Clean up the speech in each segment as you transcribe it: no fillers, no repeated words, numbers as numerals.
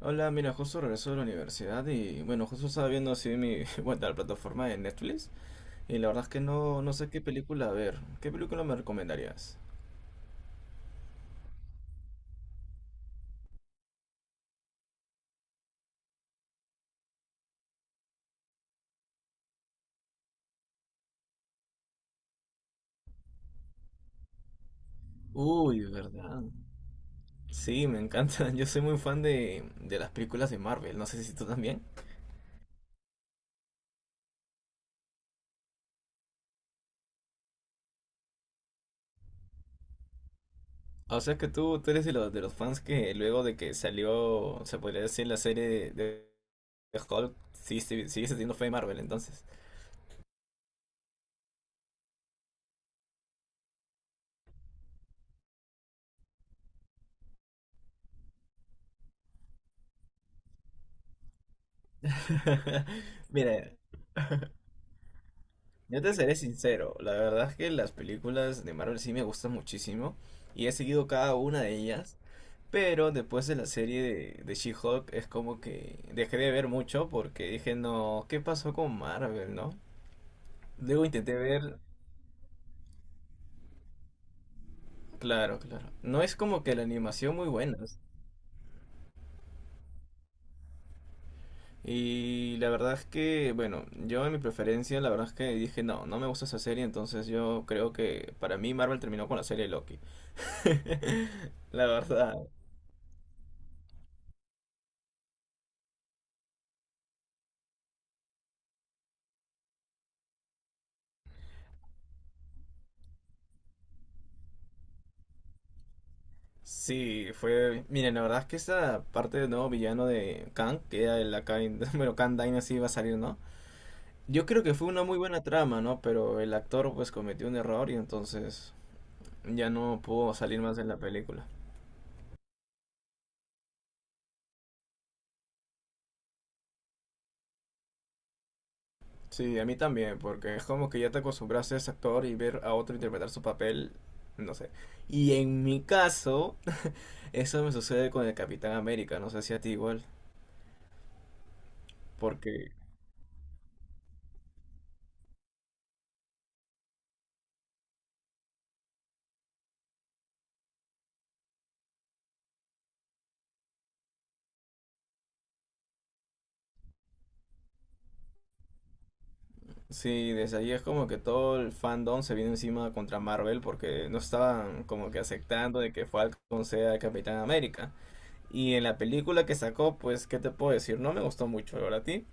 Hola, mira, justo regreso de la universidad y bueno, justo estaba viendo así mi, bueno, la plataforma de Netflix y la verdad es que no, no sé qué película ver. ¿Qué película me recomendarías? Uy, ¿verdad? Sí, me encanta. Yo soy muy fan de las películas de Marvel, no sé si tú también. O sea que tú eres de los fans que luego de que salió, se podría decir, la serie de Hulk, sí, sí, sigues teniendo fe en Marvel entonces. Mira. Yo te seré sincero, la verdad es que las películas de Marvel sí me gustan muchísimo y he seguido cada una de ellas, pero después de la serie de She-Hulk es como que dejé de ver mucho porque dije, no, ¿qué pasó con Marvel, no? Luego intenté ver, claro, claro, no es como que la animación muy buena. Y la verdad es que, bueno, yo en mi preferencia, la verdad es que dije, no, no me gusta esa serie, entonces yo creo que para mí Marvel terminó con la serie Loki. La verdad. Sí, fue. Miren, la verdad es que esa parte del nuevo villano de Kang, que era el acá, bueno, Kang Dynasty iba a salir, ¿no? Yo creo que fue una muy buena trama, ¿no? Pero el actor pues cometió un error y entonces ya no pudo salir más en la película. Sí, a mí también, porque es como que ya te acostumbraste a ese actor y ver a otro interpretar su papel, no sé. Y en mi caso, eso me sucede con el Capitán América, no sé si a ti igual, porque sí, desde ahí es como que todo el fandom se viene encima contra Marvel porque no estaban como que aceptando de que Falcon sea Capitán América. Y en la película que sacó, pues, ¿qué te puedo decir? No me gustó mucho, ¿verdad a ti?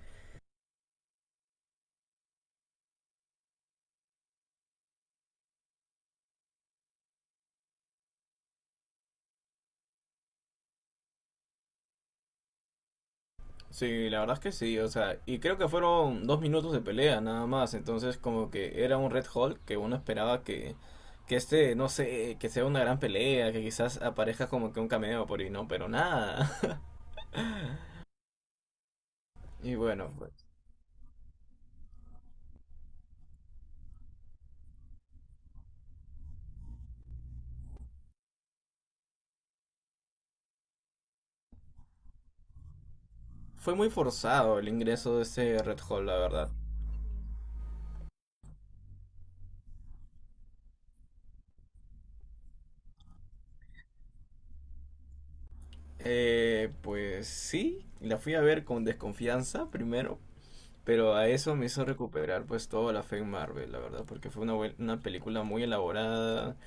Sí, la verdad es que sí, o sea, y creo que fueron dos minutos de pelea nada más, entonces como que era un Red Hulk que uno esperaba que este, no sé, que sea una gran pelea, que quizás aparezca como que un cameo por ahí, no, pero nada. Y bueno, pues, fue muy forzado el ingreso de ese Red Hulk, la verdad. Pues sí, la fui a ver con desconfianza primero, pero a eso me hizo recuperar pues toda la fe en Marvel, la verdad, porque fue una, buen- una película muy elaborada.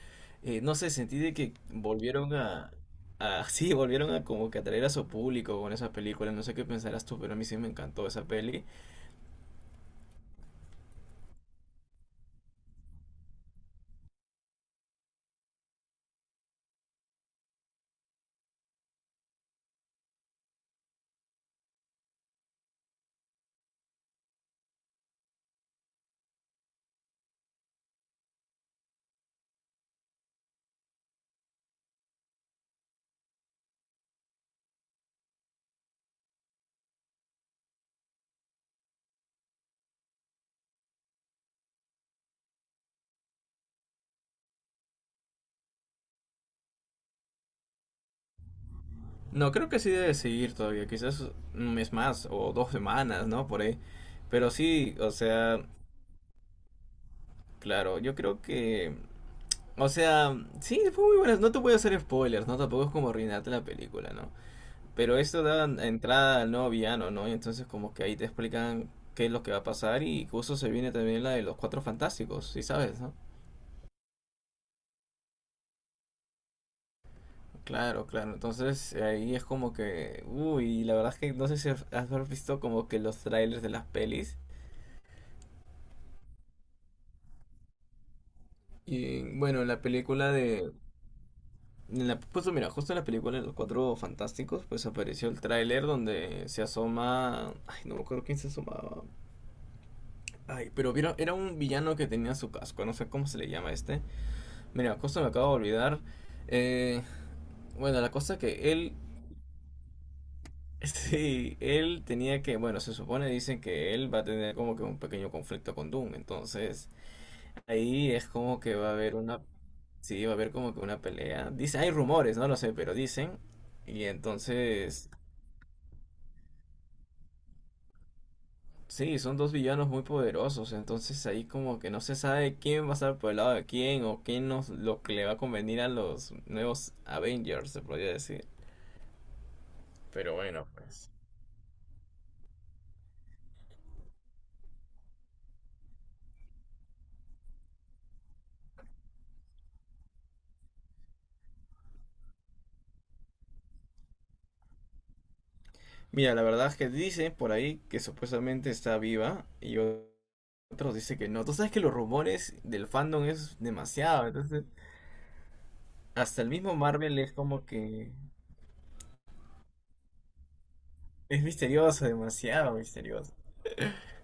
No sé, sentí de que volvieron a... Sí, volvieron a como que atraer a su público con esa película. No sé qué pensarás tú, pero a mí sí me encantó esa peli. No, creo que sí debe seguir todavía, quizás un mes más o dos semanas, ¿no? Por ahí. Pero sí, o sea, claro, yo creo que... O sea, sí, fue muy buena. No te voy a hacer spoilers, ¿no? Tampoco es como arruinarte la película, ¿no? Pero esto da entrada al nuevo villano, ¿no? Y entonces como que ahí te explican qué es lo que va a pasar y justo se viene también la de los Cuatro Fantásticos, ¿sí sabes, no? Claro, claro. Entonces ahí es como que, uy, la verdad es que no sé si has visto como que los trailers de las pelis. Y bueno, en la película de... En la, pues mira, justo en la película de los Cuatro Fantásticos, pues apareció el tráiler donde se asoma... Ay, no me acuerdo quién se asomaba. Ay, pero vieron, era un villano que tenía su casco, no sé cómo se le llama este. Mira, cosa me acabo de olvidar. Eh, bueno, la cosa que él, sí, él tenía que, bueno, se supone, dicen que él va a tener como que un pequeño conflicto con Doom. Entonces, ahí es como que va a haber una, sí, va a haber como que una pelea. Dice, hay rumores, no lo sé, pero dicen. Y entonces... Sí, son dos villanos muy poderosos, entonces ahí como que no se sabe quién va a estar por el lado de quién o quién nos, lo que le va a convenir a los nuevos Avengers, se podría decir. Pero bueno, pues. Mira, la verdad es que dicen por ahí que supuestamente está viva y otros dicen que no. Tú sabes que los rumores del fandom es demasiado, entonces hasta el mismo Marvel es como que es misterioso, demasiado misterioso.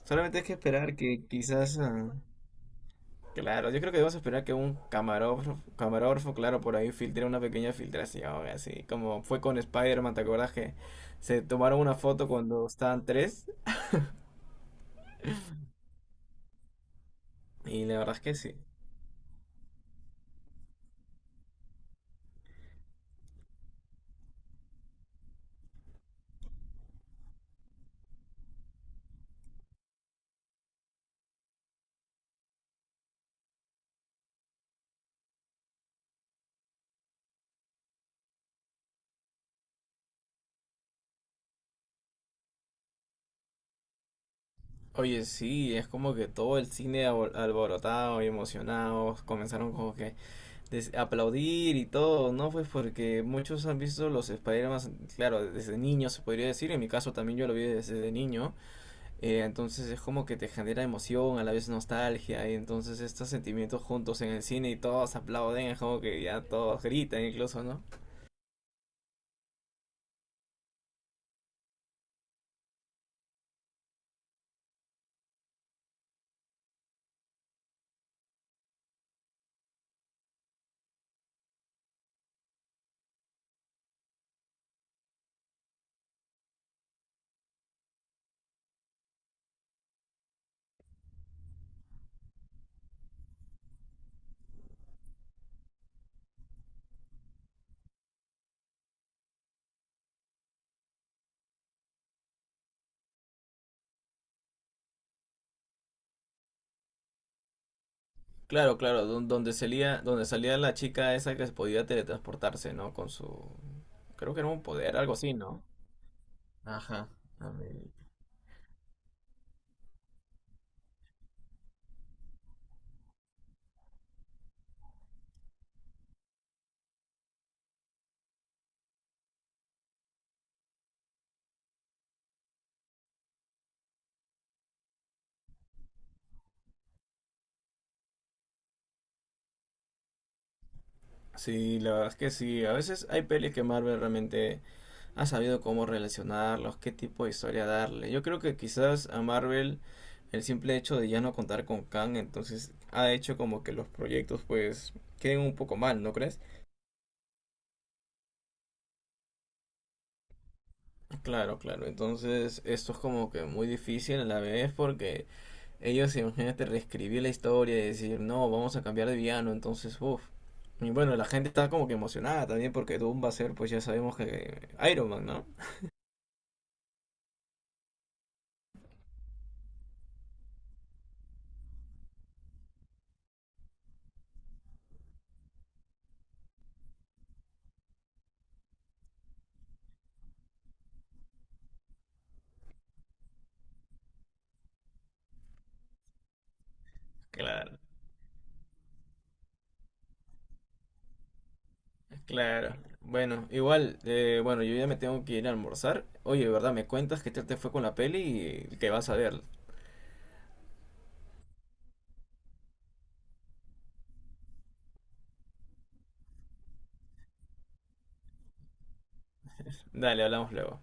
Solamente hay que esperar que quizás ah, claro, yo creo que debemos esperar que un camarógrafo, claro, por ahí filtre una pequeña filtración, así como fue con Spider-Man, ¿te acuerdas que se tomaron una foto cuando estaban tres? Y la verdad es que sí. Oye, sí, es como que todo el cine abo- alborotado y emocionado comenzaron como que des- aplaudir y todo, ¿no? Pues porque muchos han visto los Spider-Man, claro, desde niños se podría decir, en mi caso también yo lo vi desde niño. Entonces es como que te genera emoción, a la vez nostalgia, y entonces estos sentimientos juntos en el cine y todos aplauden, es como que ya todos gritan incluso, ¿no? Claro, claro, don- donde salía la chica esa que podía teletransportarse, ¿no? Con su... Creo que era un poder, algo así, ¿no? Ajá. A ver. Sí, la verdad es que sí, a veces hay pelis que Marvel realmente ha sabido cómo relacionarlos, qué tipo de historia darle. Yo creo que quizás a Marvel el simple hecho de ya no contar con Kang, entonces ha hecho como que los proyectos pues queden un poco mal, ¿no crees? Claro, claro, entonces esto es como que muy difícil a la vez porque ellos imagínate reescribir la historia y decir, no, vamos a cambiar de villano, entonces, uff. Y bueno, la gente está como que emocionada también porque Doom va a ser, pues ya sabemos que Iron Man, ¿no? Claro. Claro. Bueno, igual, bueno, yo ya me tengo que ir a almorzar. Oye, ¿verdad? Me cuentas qué tal te fue con la peli y que vas a ver. Dale, hablamos luego.